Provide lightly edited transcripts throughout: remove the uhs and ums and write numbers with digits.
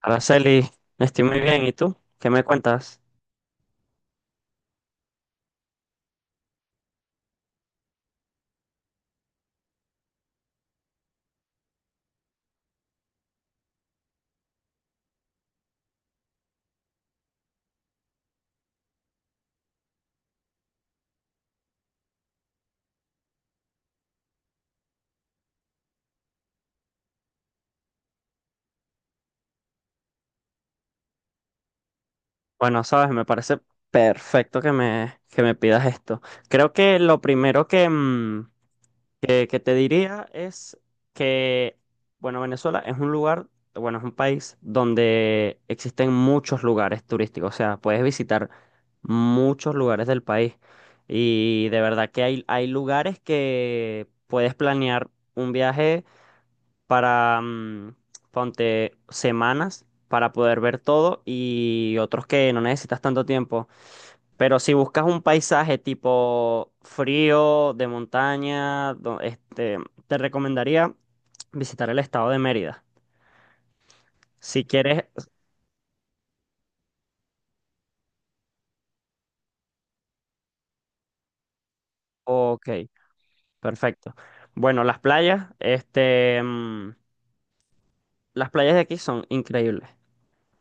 Araceli, estoy muy bien. ¿Y tú? ¿Qué me cuentas? Bueno, sabes, me parece perfecto que me pidas esto. Creo que lo primero que te diría es que, bueno, Venezuela es un lugar, bueno, es un país donde existen muchos lugares turísticos. O sea, puedes visitar muchos lugares del país. Y de verdad que hay lugares que puedes planear un viaje para, mm, ponte semanas para poder ver todo y otros que no necesitas tanto tiempo. Pero si buscas un paisaje tipo frío, de montaña, te recomendaría visitar el estado de Mérida. Si quieres, ok, perfecto. Bueno, las playas de aquí son increíbles.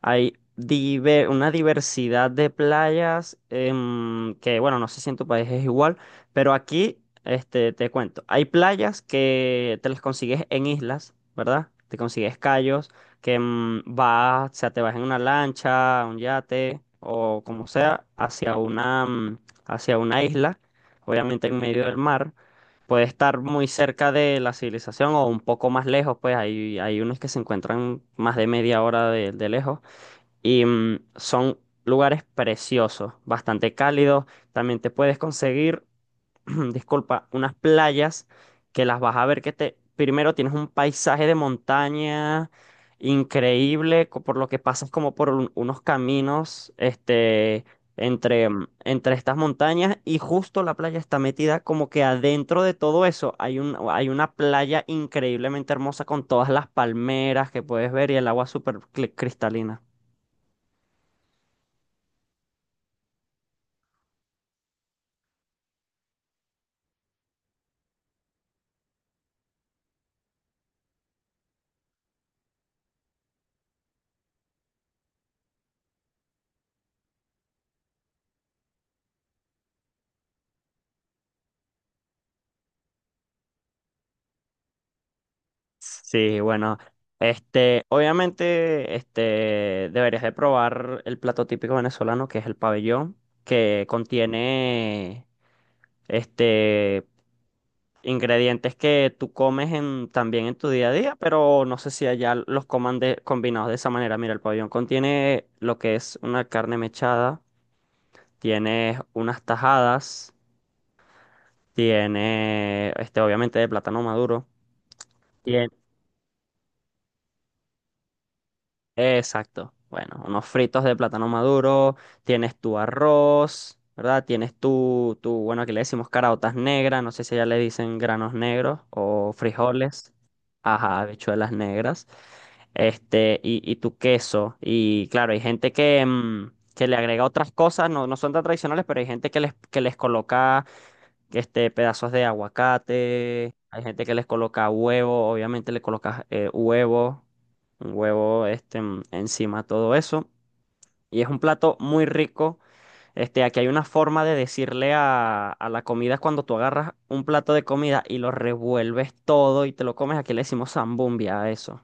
Hay una diversidad de playas que, bueno, no sé si en tu país es igual, pero aquí te cuento. Hay playas que te las consigues en islas, ¿verdad? Te consigues cayos, que vas, o sea, te vas en una lancha, un yate o como sea, hacia una isla, obviamente en medio del mar. Puede estar muy cerca de la civilización o un poco más lejos, pues hay unos que se encuentran más de media hora de lejos y son lugares preciosos, bastante cálidos. También te puedes conseguir, disculpa, unas playas que las vas a ver que te, primero tienes un paisaje de montaña increíble, por lo que pasas como por unos caminos, entre estas montañas y justo la playa está metida como que adentro de todo eso hay un, hay una playa increíblemente hermosa con todas las palmeras que puedes ver y el agua súper cristalina. Sí, bueno, obviamente, deberías de probar el plato típico venezolano, que es el pabellón, que contiene, este, ingredientes que tú comes en, también en tu día a día, pero no sé si allá los coman combinados de esa manera. Mira, el pabellón contiene lo que es una carne mechada, tienes unas tajadas, tiene, este, obviamente de plátano maduro. Exacto. Bueno, unos fritos de plátano maduro, tienes tu arroz, ¿verdad? Tienes tu, bueno, aquí le decimos caraotas negras, no sé si ya le dicen granos negros o frijoles, ajá, habichuelas negras, este, y tu queso. Y claro, hay gente que le agrega otras cosas, no, no son tan tradicionales, pero hay gente que les coloca este, pedazos de aguacate, hay gente que les coloca huevo, obviamente le colocas huevo, un huevo encima, todo eso. Y es un plato muy rico. Este, aquí hay una forma de decirle a la comida cuando tú agarras un plato de comida y lo revuelves todo y te lo comes. Aquí le decimos zambumbia a eso.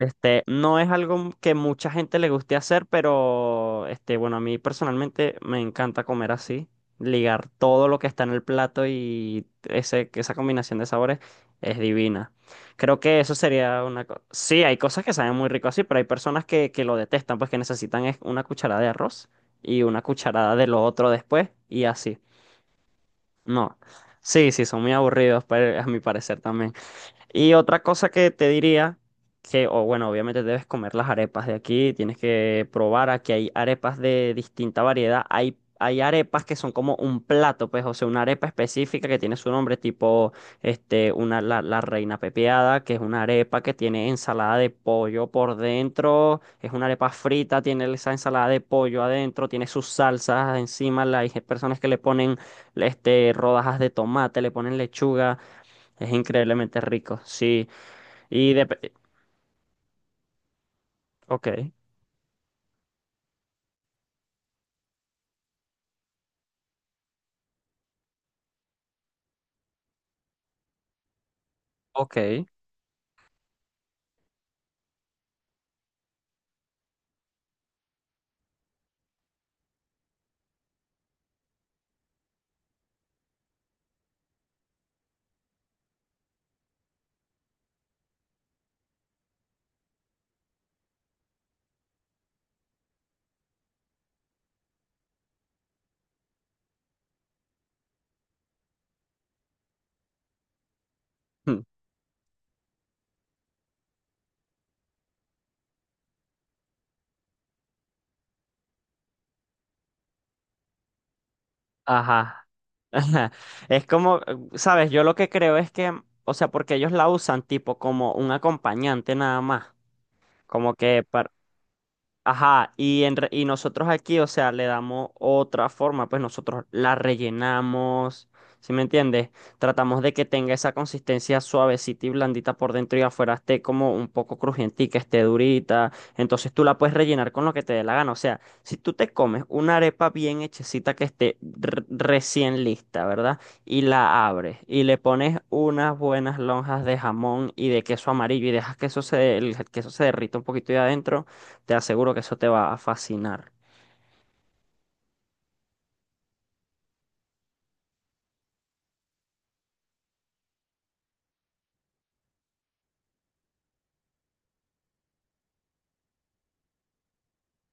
Este, no es algo que mucha gente le guste hacer, pero este, bueno, a mí personalmente me encanta comer así, ligar todo lo que está en el plato y que esa combinación de sabores es divina. Creo que eso sería una cosa. Sí, hay cosas que saben muy rico así, pero hay personas que lo detestan, pues que necesitan es una cucharada de arroz y una cucharada de lo otro después y así. No. Sí, sí, son muy aburridos, pero a mi parecer también. Y otra cosa que te diría, que, o bueno, obviamente debes comer las arepas de aquí, tienes que probar aquí hay arepas de distinta variedad. Hay arepas que son como un plato, pues, o sea, una arepa específica que tiene su nombre, tipo, la reina pepiada, que es una arepa que tiene ensalada de pollo por dentro, es una arepa frita, tiene esa ensalada de pollo adentro, tiene sus salsas encima, hay personas que le ponen, este, rodajas de tomate, le ponen lechuga. Es increíblemente rico, sí. Y de... Ok, ok. Hmm. Ajá. Ajá. Es como, ¿sabes? Yo lo que creo es que, o sea, porque ellos la usan tipo como un acompañante nada más. Como que ajá, y, y nosotros aquí, o sea, le damos otra forma, pues nosotros la rellenamos, ¿sí me entiendes? Tratamos de que tenga esa consistencia suavecita y blandita por dentro y afuera esté como un poco crujientica, esté durita. Entonces tú la puedes rellenar con lo que te dé la gana. O sea, si tú te comes una arepa bien hechecita que esté recién lista, ¿verdad? Y la abres y le pones unas buenas lonjas de jamón y de queso amarillo y dejas que eso se, el queso se derrita un poquito de adentro. Te aseguro que eso te va a fascinar.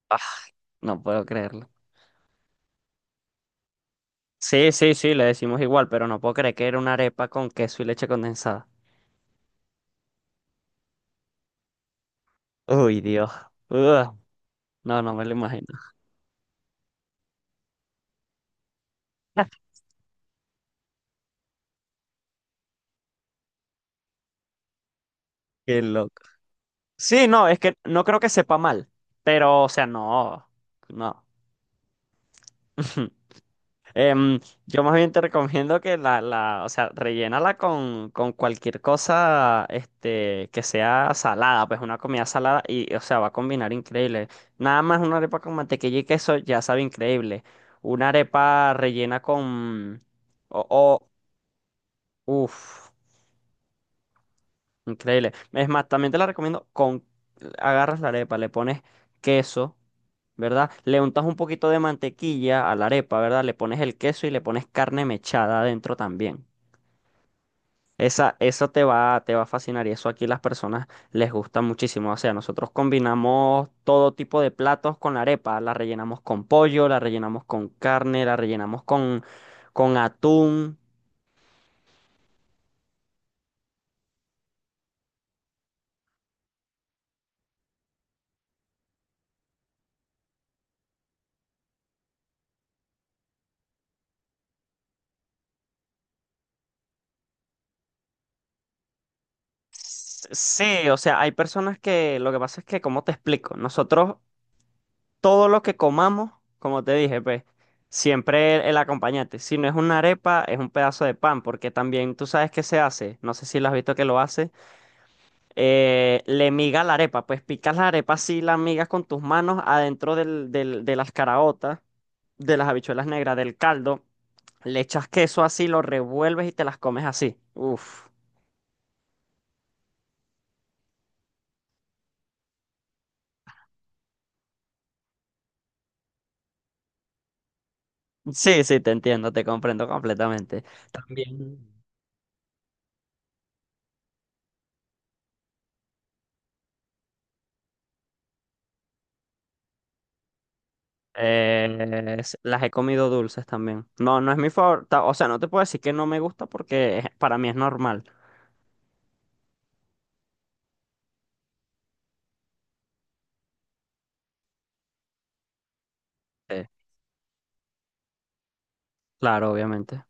Ah, no puedo creerlo. Sí, sí, sí, le decimos igual, pero no puedo creer que era una arepa con queso y leche condensada. Uy, Dios. Ugh. No, no me lo imagino. Qué loco. Sí, no, es que no creo que sepa mal, pero, o sea, no, no. Em, yo más bien te recomiendo que o sea, rellénala con cualquier cosa, este, que sea salada, pues una comida salada y, o sea, va a combinar increíble. Nada más una arepa con mantequilla y queso ya sabe increíble. Una arepa rellena con, o, uff. Increíble. Es más, también te la recomiendo con... Agarras la arepa, le pones queso, ¿verdad? Le untas un poquito de mantequilla a la arepa, ¿verdad? Le pones el queso y le pones carne mechada adentro también. Eso te va a fascinar y eso aquí las personas les gusta muchísimo. O sea, nosotros combinamos todo tipo de platos con la arepa. La rellenamos con pollo, la rellenamos con carne, la rellenamos con atún. S- Sí, o sea, hay personas que, lo que pasa es que, ¿cómo te explico? Nosotros todo lo que comamos, como te dije, pues siempre el acompañante. Si no es una arepa, es un pedazo de pan, porque también tú sabes qué se hace, no sé si lo has visto que lo hace, le miga la arepa, pues picas la arepa así, la migas con tus manos adentro de las caraotas, de las habichuelas negras, del caldo, le echas queso así, lo revuelves y te las comes así. Uf. Sí, sí, te entiendo, te comprendo completamente. También. Las he comido dulces también. No, no es mi favorita. O sea, no te puedo decir que no me gusta porque para mí es normal. Eh, claro, obviamente.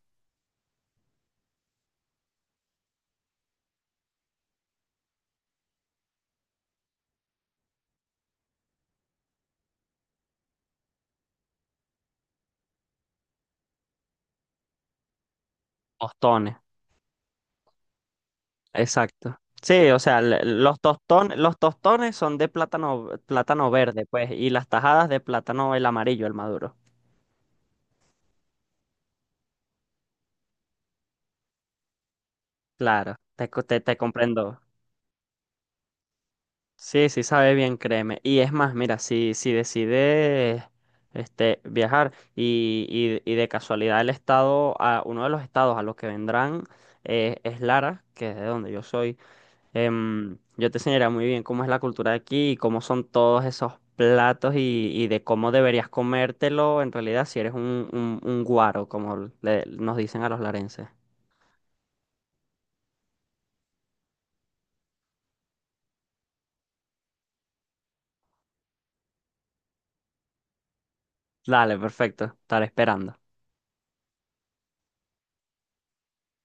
Tostones, exacto. Sí, o sea, los tostones son de plátano, plátano verde, pues, y las tajadas de plátano el amarillo, el maduro. Claro, te comprendo. Sí, sí sabe bien, créeme. Y es más, mira, si decides este, y de casualidad el estado, a, uno de los estados a los que vendrán es Lara, que es de donde yo soy, em, yo te enseñaré muy bien cómo es la cultura de aquí y cómo son todos esos platos y de cómo deberías comértelo en realidad si eres un, un guaro, como nos dicen a los larenses. Dale, perfecto, estaré esperando.